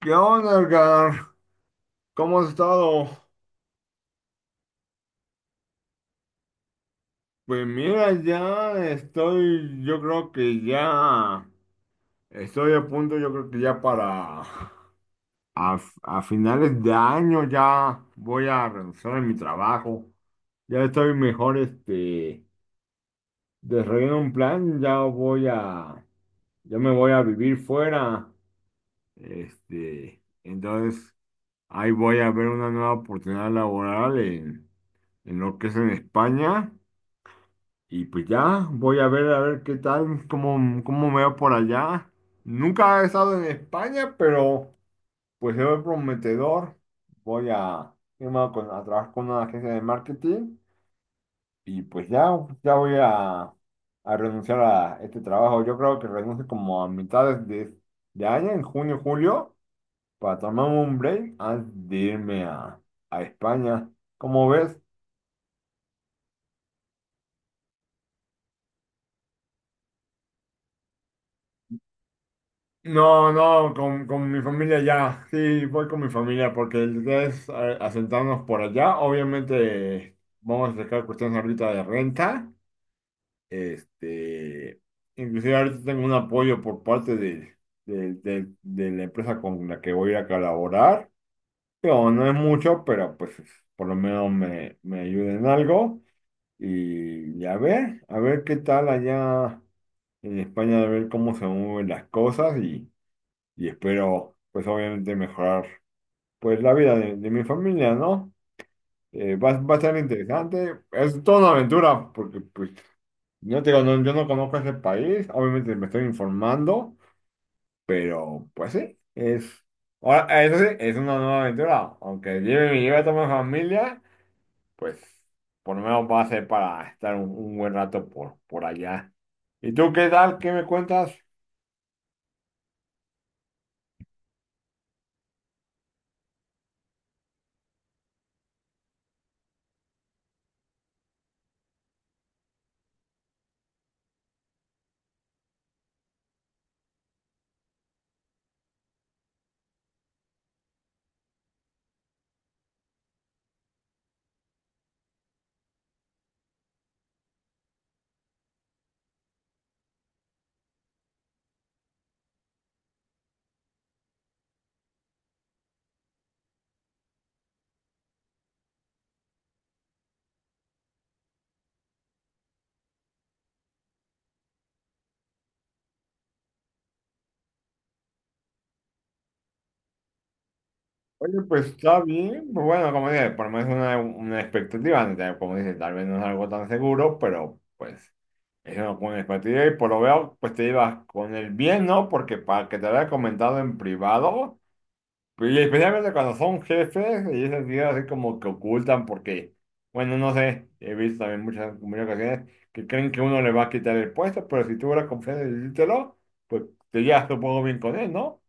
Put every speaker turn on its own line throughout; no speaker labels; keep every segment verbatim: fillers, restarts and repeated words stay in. ¿Qué onda, Edgar? ¿Cómo has estado? Pues mira, ya estoy, yo creo que ya estoy a punto, yo creo que ya para a, a finales de año ya voy a renunciar a mi trabajo. Ya estoy mejor, este, desarrollando un plan, ya voy a, ya me voy a vivir fuera. Este, entonces ahí voy a ver una nueva oportunidad laboral en, en lo que es en España. Y pues ya, voy a ver a ver qué tal, cómo, cómo me veo por allá. Nunca he estado en España, pero pues se ve prometedor. Voy a irme a con, a trabajar con una agencia de marketing, y pues ya, ya voy a, a, renunciar a este trabajo. Yo creo que renuncio como a mitades de, de año, en junio, julio, para tomarme un break antes de irme a, a España. ¿Cómo ves? No, no, con, con mi familia ya, sí, voy con mi familia porque ustedes asentarnos por allá, obviamente vamos a sacar cuestiones ahorita de renta, este, inclusive ahorita tengo un apoyo por parte de, de, de- de la empresa con la que voy a colaborar, pero no es mucho, pero pues por lo menos me, me ayuda en algo, y, y a ver, a ver qué tal allá en España, a ver cómo se mueven las cosas, y espero, pues obviamente mejorar, pues la vida de, de mi familia, ¿no? Eh, va, va a ser interesante, es toda una aventura, porque pues, no te digo, no- yo no conozco ese país, obviamente me estoy informando, pero pues sí, es, ahora, eso sí, es una nueva aventura, aunque lleve, me lleve a toda mi familia, pues por lo menos va a ser para estar un, un buen rato por, por allá. ¿Y tú qué tal? ¿Qué me cuentas? Oye, pues está bien, pues bueno, como dije, por lo menos una, una expectativa, ¿no? Tal- como dices, tal vez no es algo tan seguro, pero pues es una buena expectativa y por lo veo, pues te llevas con el bien, ¿no? Porque para que te lo haya comentado en privado, y especialmente cuando son jefes y esas ideas así como que ocultan porque, bueno, no sé, he visto también muchas, muchas ocasiones que creen que uno le va a quitar el puesto, pero si tuvo la confianza de decírtelo, pues te llevas supongo bien con él, ¿no?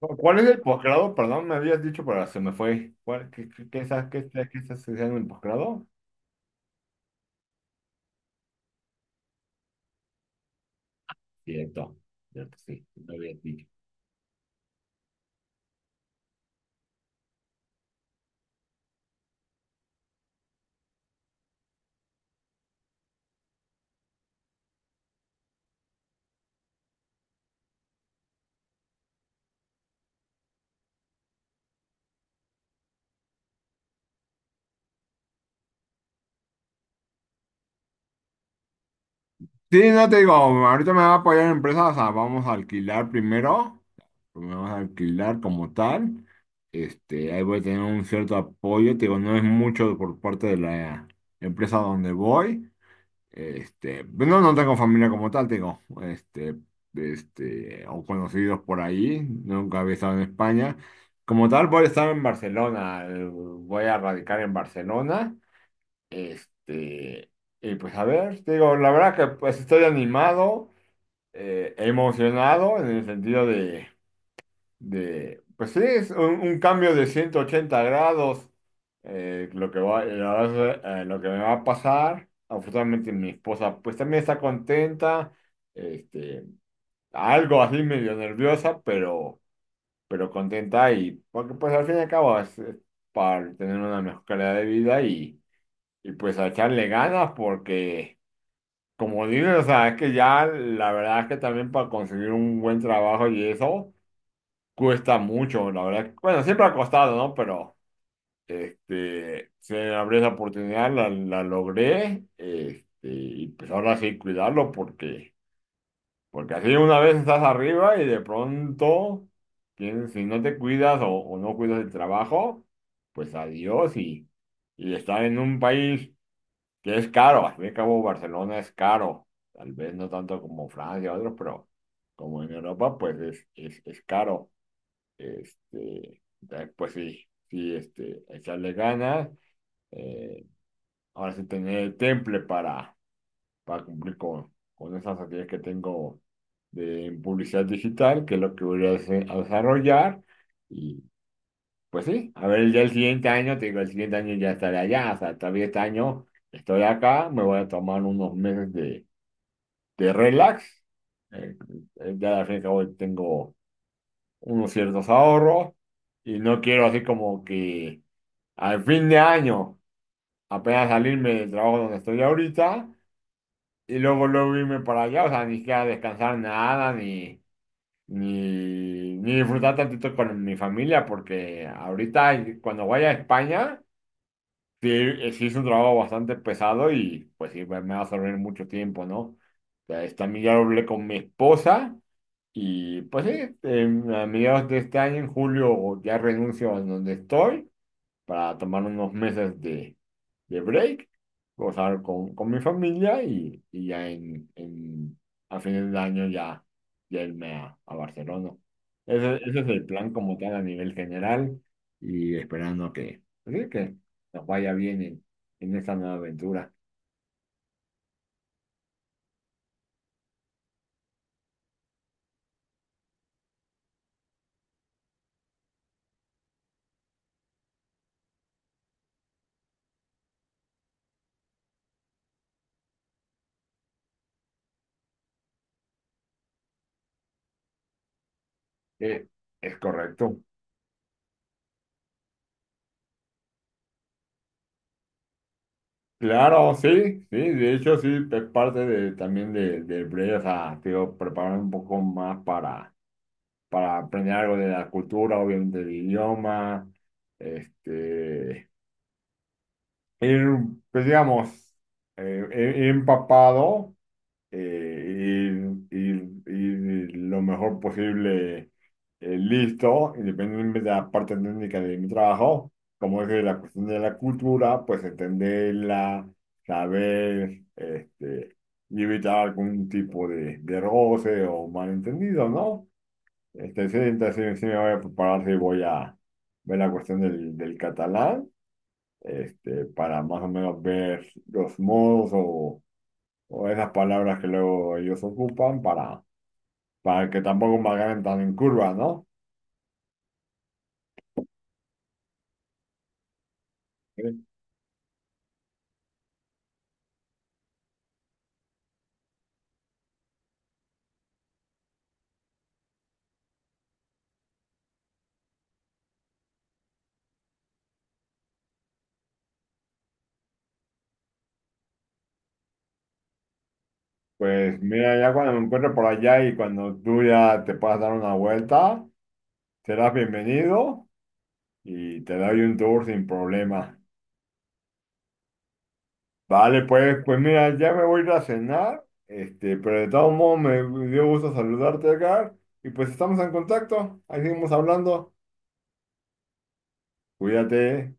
¿Cu- ¿Cuál es el posgrado? Perdón, me habías dicho, pero se me fue. ¿Cuál- qué, qué, qué, estás- qué, estás- qué estás haciendo en el posgrado? Cierto, cierto, sí, lo habías dicho. Sí, no te digo, ahorita me va a apoyar la empresa, o sea, vamos a alquilar primero, vamos a alquilar como tal, este, ahí voy a tener un cierto apoyo, te digo, no es mucho por parte de la empresa donde voy. Este, no, no tengo familia como tal, tengo, este, este, o conocidos por ahí, nunca había estado en España. Como tal, voy a estar en Barcelona, eh, voy a radicar en Barcelona, este, y pues a ver, te digo, la verdad que pues estoy animado, eh, emocionado en el sentido de de, pues sí, es un, un cambio de ciento ochenta grados. eh, lo que va, eh, lo que me va a pasar. Afortunadamente mi esposa pues también está contenta. Este, algo así medio nerviosa, pero, pero, contenta, y porque pues al fin y al cabo es, es, para tener una mejor calidad de vida, y, y pues a echarle ganas porque, como dices, o sea, es que ya la verdad es que también para conseguir un buen trabajo y eso. Cuesta mucho, la verdad. Bueno, siempre ha costado, ¿no? Pero este, se me abrió esa oportunidad, la, la logré, este, y pues ahora sí cuidarlo porque, porque, así, una vez estás arriba y de pronto, quién- si no te cuidas, o, o no cuidas el trabajo, pues adiós, y, y estar en un país que es caro. Al fin y al cabo, Barcelona es caro, tal vez no tanto como Francia o otros, pero como en Europa, pues es, es, es caro. Este, pues sí, sí, este, echarle ganas. eh, ahora sí tener el temple para, para cumplir con, con esas actividades que tengo de publicidad digital, que es lo que voy a, hacer- a desarrollar. Y pues sí, a ver, ya el siguiente año, te digo, el siguiente año ya estaré allá, o sea, todavía este año estoy acá, me voy a tomar unos meses de, de relax. eh, eh, ya al fin y al cabo tengo unos ciertos ahorros, y no quiero así como que al fin de año apenas salirme del trabajo donde estoy ahorita y luego luego irme para allá, o sea, ni siquiera descansar nada, ni, ni, ni disfrutar tantito con mi familia, porque ahorita cuando vaya a España, sí, eh, sí es un trabajo bastante pesado, y pues sí, me me va a servir mucho tiempo, ¿no? O sea, es- también ya lo hablé con mi esposa. Y pues sí, em, a mediados de este año, en julio, ya renuncio a donde estoy para tomar unos meses de, de break, gozar con, con mi familia, y, y ya en, en, a fines del año ya, ya irme a, a Barcelona. Ese, ese es el plan como tal a nivel general, y esperando que, pues sí, que nos vaya bien en, en esta nueva aventura. Eh, es correcto. Claro, sí, sí, de hecho sí, es parte de, también de, del break, o sea, te digo, preparar un poco más para, para aprender algo de la cultura, obviamente del idioma, este, ir, pues digamos, eh, ir- ir empapado, eh, ir, ir- ir lo mejor posible, eh, listo, independientemente de la parte técnica de mi trabajo, como es de la cuestión de la cultura, pues entenderla, saber, este, y evitar algún tipo de, de roce o malentendido, ¿no? Este, sí, entonces sí sí me voy a preparar, sí voy a ver la cuestión del, del catalán, este, para más o menos ver los modos o o esas palabras que luego ellos ocupan para, para que tampoco me hagan tan en curva, ¿no? Sí. Pues mira, ya cuando me encuentre por allá y cuando tú ya te puedas dar una vuelta, serás bienvenido y te doy un tour sin problema. Vale, pues, pues, mira, ya me voy a ir a cenar, este, pero de todos modos me dio gusto saludarte, Edgar, y pues estamos en contacto, ahí seguimos hablando, cuídate.